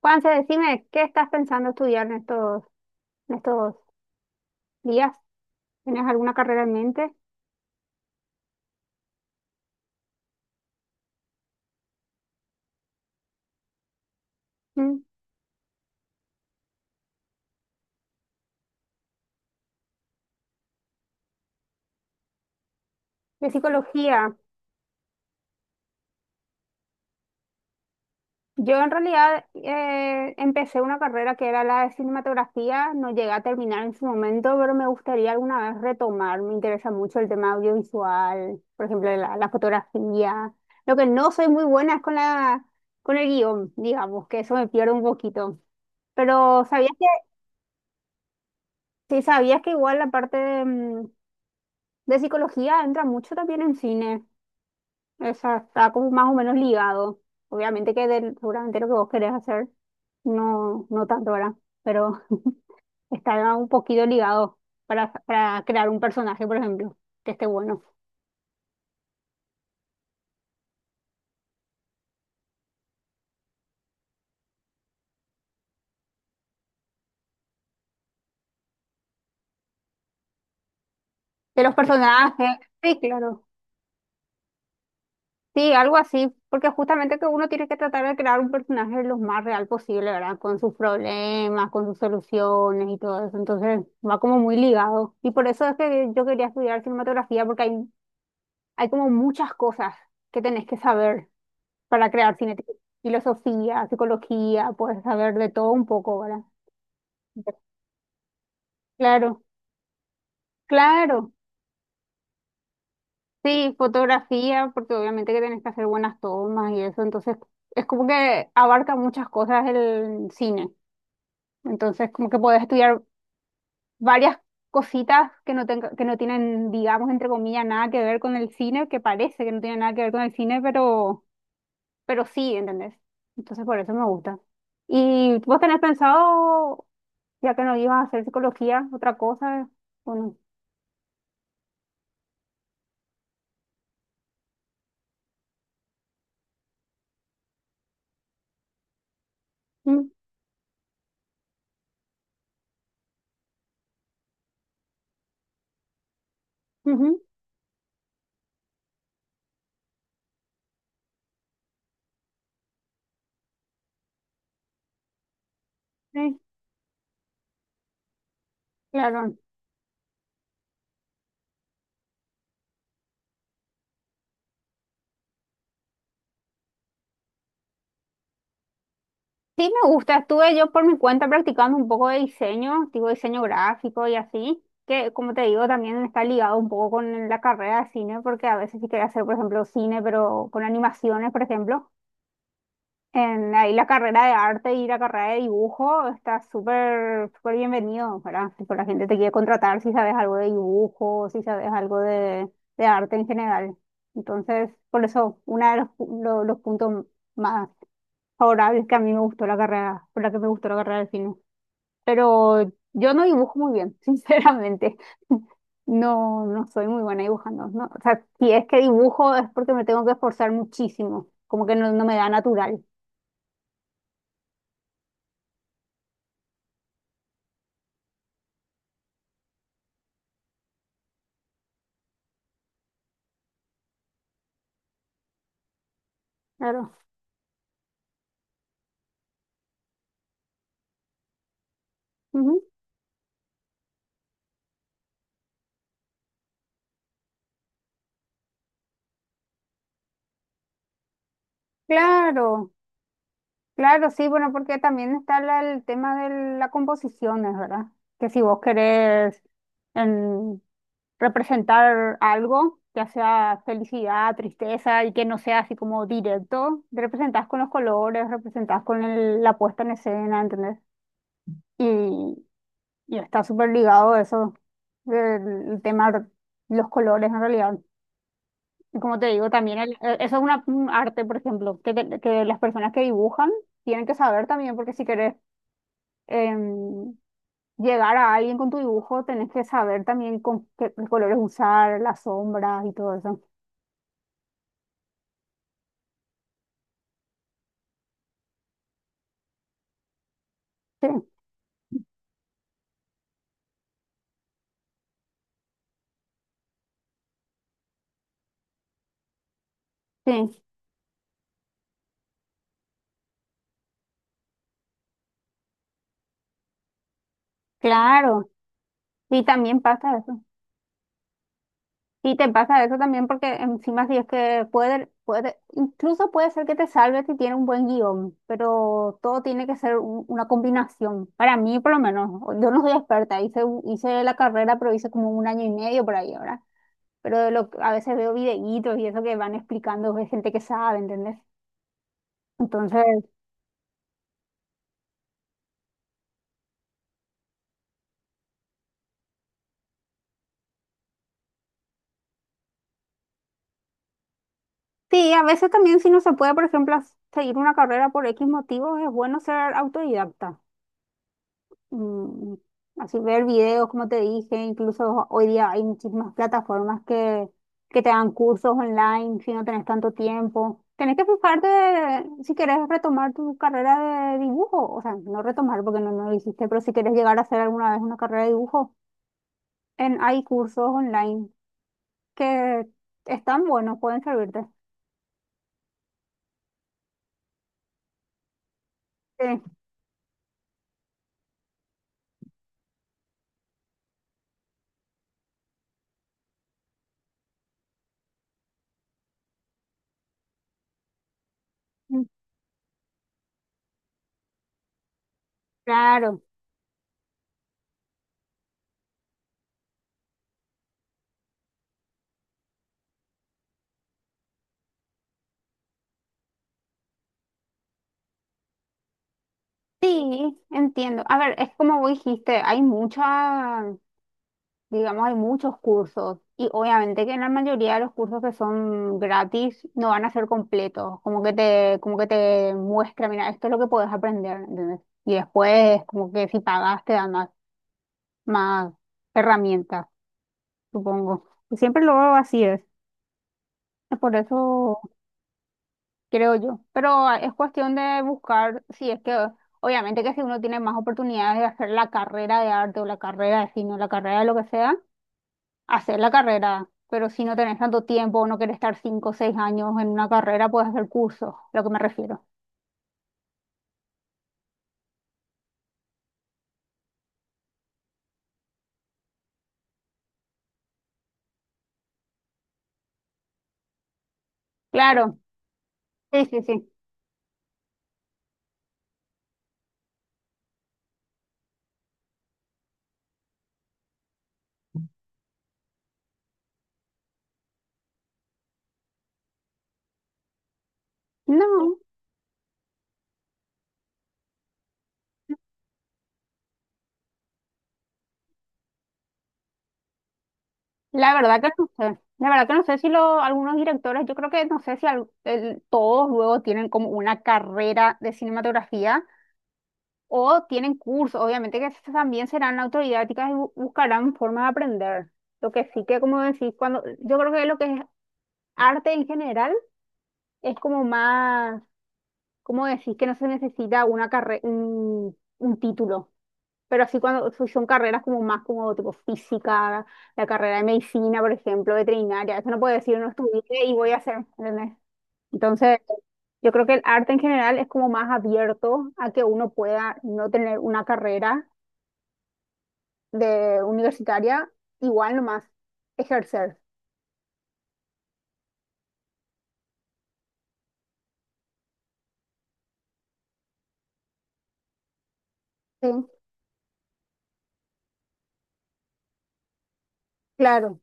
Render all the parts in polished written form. Juanse, decime, ¿qué estás pensando estudiar en estos días? ¿Tienes alguna carrera en mente? ¿Mm? De psicología. Yo en realidad empecé una carrera que era la de cinematografía, no llegué a terminar en su momento, pero me gustaría alguna vez retomar. Me interesa mucho el tema audiovisual, por ejemplo, la fotografía. Lo que no soy muy buena es con la, con el guión, digamos, que eso me pierdo un poquito. Pero ¿sabías que, sí, sabías que igual la parte de, de psicología entra mucho también en cine? Esa está como más o menos ligado. Obviamente que seguramente lo que vos querés hacer, no tanto, ¿verdad? Pero está un poquito ligado para crear un personaje, por ejemplo, que esté bueno. De los personajes, sí, claro. Sí, algo así, porque justamente que uno tiene que tratar de crear un personaje lo más real posible, ¿verdad? Con sus problemas, con sus soluciones y todo eso. Entonces va como muy ligado. Y por eso es que yo quería estudiar cinematografía, porque hay como muchas cosas que tenés que saber para crear cine. Tipo filosofía, psicología, puedes saber de todo un poco, ¿verdad? Claro, claro. Sí, fotografía, porque obviamente que tenés que hacer buenas tomas y eso. Entonces, es como que abarca muchas cosas el cine. Entonces, como que podés estudiar varias cositas que no tienen, digamos, entre comillas, nada que ver con el cine, que parece que no tiene nada que ver con el cine, pero sí, ¿entendés? Entonces por eso me gusta. ¿Y vos tenés pensado, ya que no ibas a hacer psicología, otra cosa? ¿O no? Mm, ujú, sí, claro. Sí, me gusta. Estuve yo por mi cuenta practicando un poco de diseño, tipo diseño gráfico y así, que como te digo, también está ligado un poco con la carrera de cine, porque a veces sí quería hacer, por ejemplo, cine, pero con animaciones, por ejemplo. En ahí la carrera de arte y la carrera de dibujo está súper súper bienvenido, ¿verdad? Tipo, la gente te quiere contratar si sabes algo de dibujo, si sabes algo de arte en general. Entonces, por eso, uno de los puntos más favorables que a mí me gustó la carrera, por la que me gustó la carrera de cine. Pero yo no dibujo muy bien, sinceramente. No soy muy buena dibujando, ¿no? O sea, si es que dibujo es porque me tengo que esforzar muchísimo, como que no me da natural. Claro. Claro, claro, sí, bueno, porque también está el tema de la composición, es verdad. Que si vos querés em, representar algo, ya sea felicidad, tristeza, y que no sea así como directo, representás con los colores, representás con la puesta en escena, ¿entendés? Y, y está súper ligado eso, el el tema de los colores en realidad. Y como te digo, también eso es una, un arte, por ejemplo, que, que las personas que dibujan tienen que saber también, porque si querés em, llegar a alguien con tu dibujo, tenés que saber también con qué colores usar, las sombras y todo eso. Sí, sí, claro. Y también pasa eso. Y te pasa eso también porque encima si es que incluso puede ser que te salve si tiene un buen guión, pero todo tiene que ser una combinación. Para mí, por lo menos, yo no soy experta, hice la carrera, pero hice como un año y medio por ahí ahora. Pero de lo, a veces veo videitos y eso que van explicando de gente que sabe, ¿entendés? Entonces, sí, a veces también si no se puede, por ejemplo, seguir una carrera por X motivo, es bueno ser autodidacta. Mm, así ver videos, como te dije, incluso hoy día hay muchísimas plataformas que te dan cursos online si no tenés tanto tiempo. Tenés que fijarte si querés retomar tu carrera de dibujo, o sea, no retomar porque no lo hiciste, pero si querés llegar a hacer alguna vez una carrera de dibujo, hay cursos online que están buenos, pueden servirte. Sí, mm, claro. Sí, entiendo. A ver, es como vos dijiste, hay muchas digamos, hay muchos cursos y obviamente que en la mayoría de los cursos que son gratis no van a ser completos, como que como que te muestra, mira, esto es lo que puedes aprender, ¿entendés? Y después, como que si pagas, te dan más herramientas, supongo. Y siempre lo veo así es por eso creo yo. Pero ah, es cuestión de buscar si es que, obviamente que si uno tiene más oportunidades de hacer la carrera de arte o la carrera de cine o la carrera de lo que sea, hacer la carrera, pero si no tenés tanto tiempo o no querés estar cinco o seis años en una carrera, puedes hacer cursos, lo que me refiero. Claro, sí, sí, sí. No, la verdad que no sé. La verdad que no sé si algunos directores, yo creo que no sé si todos luego tienen como una carrera de cinematografía o tienen cursos. Obviamente que esas también serán autodidácticas y buscarán formas de aprender. Lo que sí que, como decís, cuando yo creo que lo que es arte en general es como más. ¿Cómo decís que no se necesita una carre un título? Pero así cuando son carreras como más como tipo física, la carrera de medicina, por ejemplo, veterinaria, eso no puede decir no estudié y voy a hacer, ¿entendés? Entonces, yo creo que el arte en general es como más abierto a que uno pueda no tener una carrera de universitaria, igual nomás ejercer. Sí, claro,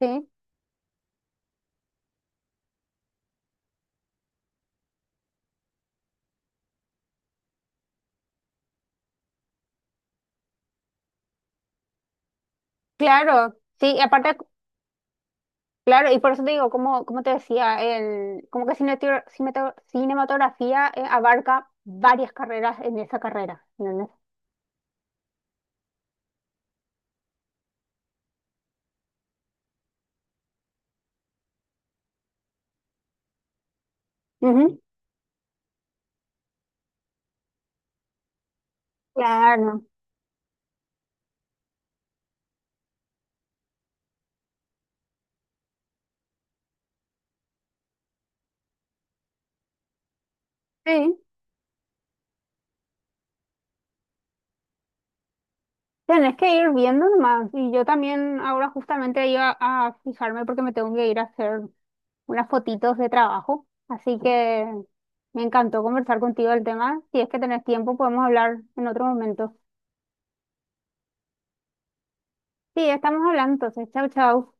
sí, claro, sí, y aparte claro, y por eso te digo, como, como te decía, el, como que cinematografía abarca varias carreras en esa carrera. ¿Entendés? Ujú, claro, sí, tenés que ir viendo nomás. Y yo también ahora justamente iba a fijarme porque me tengo que ir a hacer unas fotitos de trabajo. Así que me encantó conversar contigo del tema. Si es que tenés tiempo, podemos hablar en otro momento. Sí, estamos hablando entonces. Chau, chau.